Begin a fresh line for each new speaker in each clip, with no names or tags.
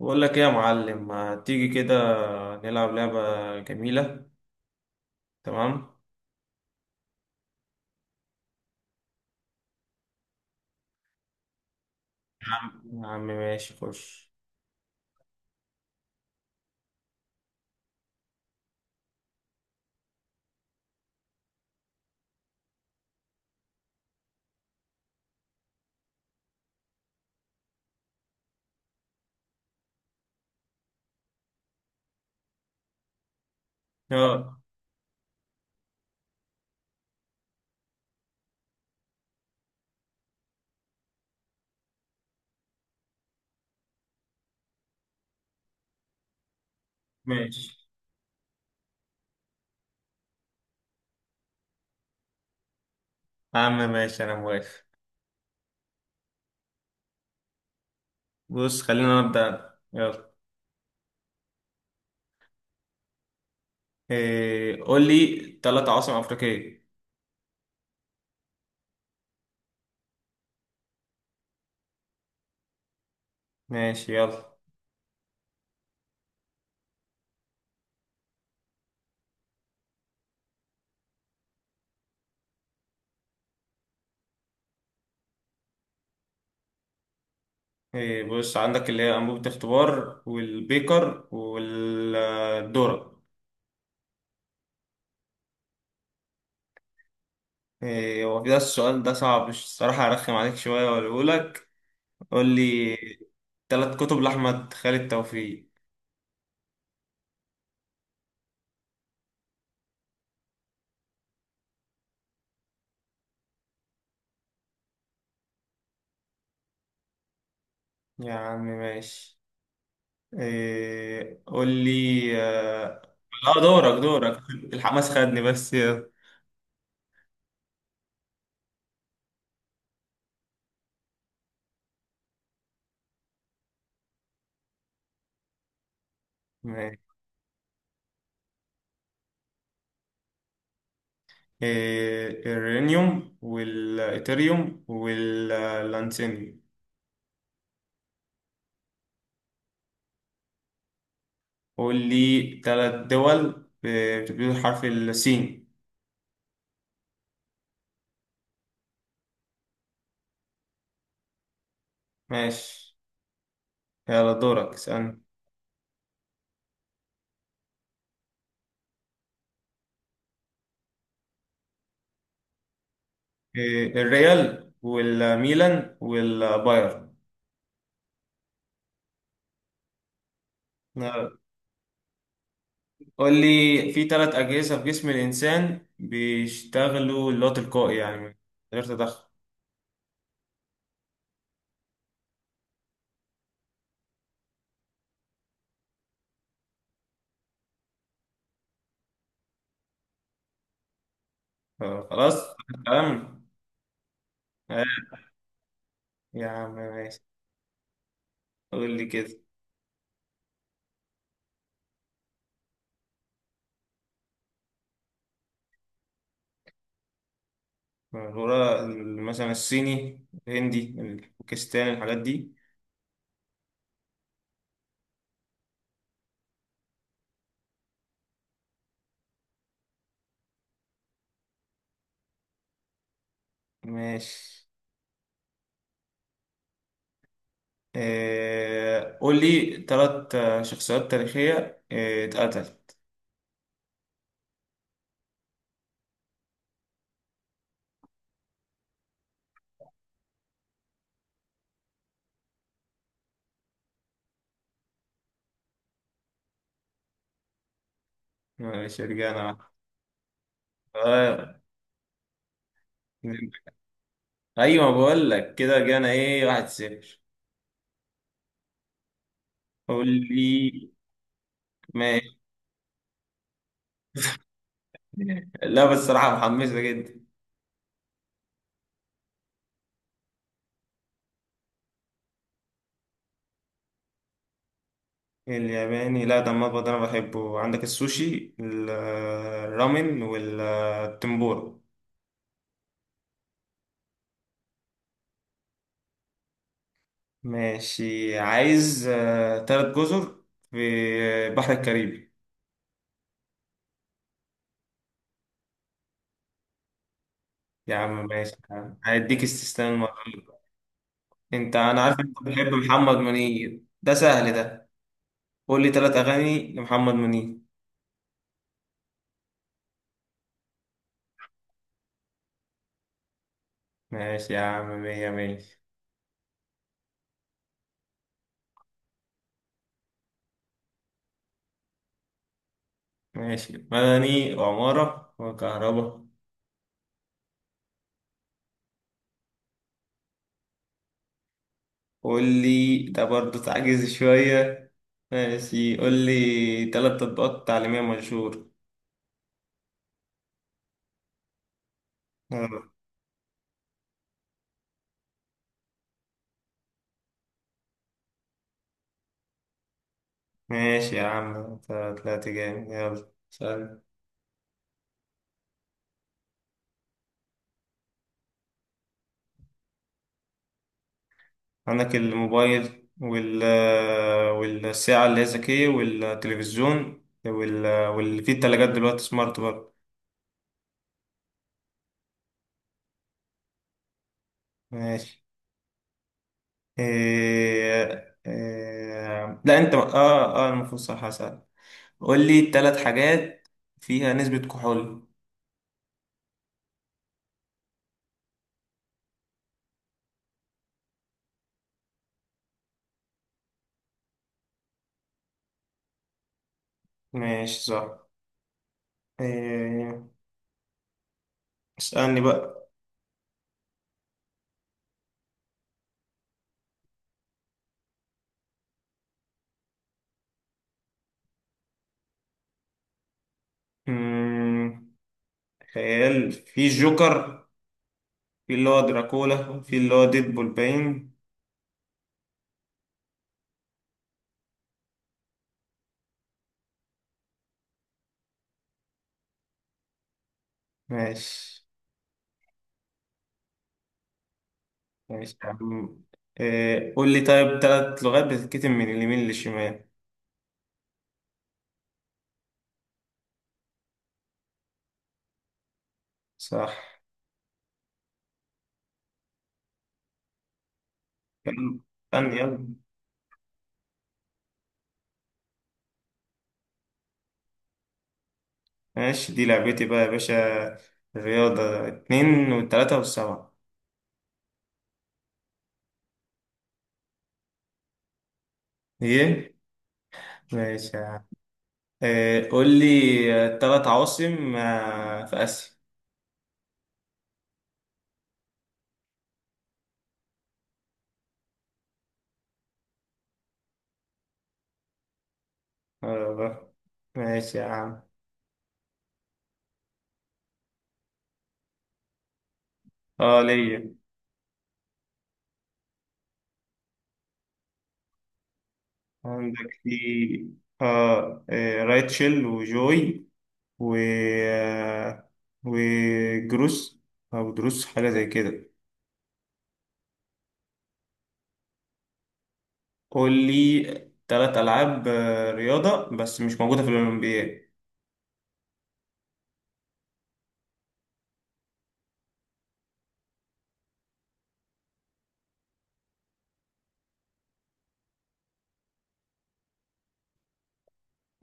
بقول لك ايه يا معلم، ما تيجي كده نلعب لعبة جميلة؟ تمام. يا عم يا عم ماشي خش. يلا. ماشي. يا عم ماشي انا موافق. بص خلينا نبدأ أنا. يلا، إيه، قول لي ثلاث عواصم أفريقية. ماشي يلا. إيه، بص عندك اللي هي أنبوبة اختبار والبيكر والذرة. إيه هو ده؟ السؤال ده صعب الصراحة، أرخم عليك شوية وأقوله لك. قول لي ثلاث كتب لأحمد خالد توفيق. يا عم ماشي. إيه، قول لي. اه. دورك دورك. الحماس خدني، بس يلا. ماشي. إيه الرينيوم والإيثيريوم واللانسينيوم. قول لي ثلاث دول بتبتدي بحرف السين. ماشي يلا، دورك اسألني. إيه الريال والميلان والبايرن. قول لي في ثلاث أجهزة في جسم الإنسان بيشتغلوا اللي هو تلقائي يعني من غير تدخل. خلاص. تمام. آه، يا عم ماشي. قول لي كده. مثلا الصيني الهندي الباكستاني الحاجات دي. ماشي. قول لي ثلاث شخصيات تاريخية اتقتل. ماشي رجعنا. آه، أيوة، بقول لك كده رجعنا إيه، واحد صفر. قول لي. ماشي. لا بس الصراحة محمسة جدا. الياباني؟ لا ده المطبخ ده أنا بحبه، عندك السوشي الرامن والتمبورا. ماشي، عايز تلات جزر في البحر الكاريبي. يا عم ماشي يا عم. هيديك استثناء المرة دي. أنت أنا عارف أنت بتحب محمد منير، ده سهل ده. قول لي تلات أغاني لمحمد منير. ماشي يا عم، مية مية. ماشي، مدني وعمارة وكهرباء. قول لي، ده برضه تعجز شوية. ماشي، قول لي تلات تطبيقات تعليمية مشهور. آه،. ماشي يا عم، انت طلعت جامد، يلا سأل. عندك الموبايل والساعة اللي هي ذكية والتلفزيون واللي فيه التلاجات دلوقتي سمارت برضه. ماشي. لا انت، اه المفروض صح هسأل. قول لي تلات حاجات فيها نسبة كحول. ماشي صح. إيه... اسألني بقى. مم. خيال، في جوكر، في اللي هو دراكولا، وفي اللي هو ديدبول باين. ماشي. ماشي يا عم. إيه. قول لي طيب تلات لغات بتتكتب من اليمين للشمال. صح. يلا. استنى يلا. ماشي، دي لعبتي بقى يا باشا، الرياضة، اتنين والتلاتة والسبعة. ايه. ماشي يا عم. إيه. قول لي تلات عواصم في آسيا. آه،. ماشي يا عم. اه ليا. عندك في رايتشل وجوي، و وجروس أو دروس، حاجة زي كده. قول لي تلات ألعاب رياضة بس مش موجودة في الأولمبياد.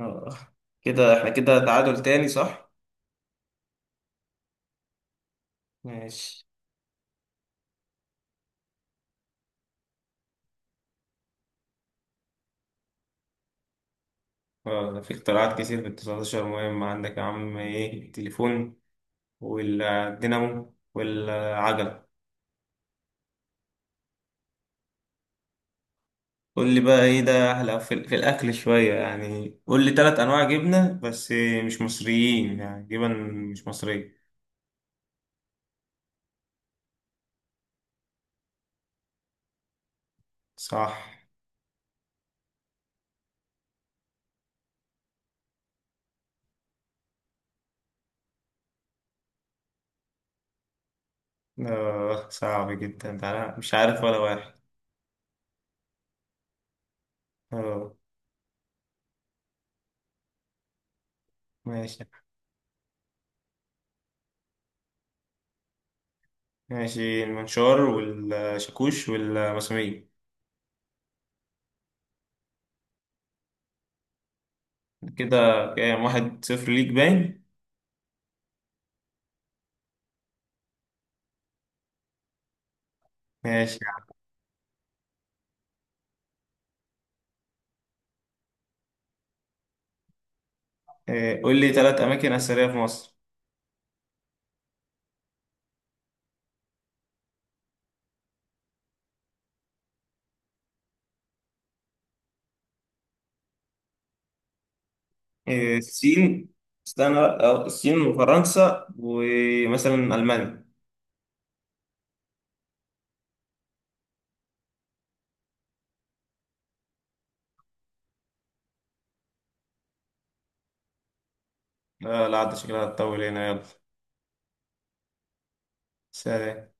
آه، كده احنا كده تعادل تاني صح؟ ماشي. آه، ده في اختراعات كتير في ال 19. مهم، عندك يا عم، ايه، التليفون والدينامو والعجلة. قول لي بقى، ايه ده احلى، في الاكل شويه، يعني قول لي ثلاث انواع جبنه بس مش مصريين، يعني جبن مش مصريه. صح. آه صعب جدا ده، أنا مش عارف ولا واحد. اه. ماشي. ماشي، المنشار والشاكوش والمسامير. كده كام؟ واحد صفر ليك باين. ماشي. آه قول لي ثلاث اماكن اثريه في مصر. آه الصين. استنى بقى، آه، الصين وفرنسا ومثلا المانيا. لا لا، عاد شكلها هتطول، هنا يلا. سلام.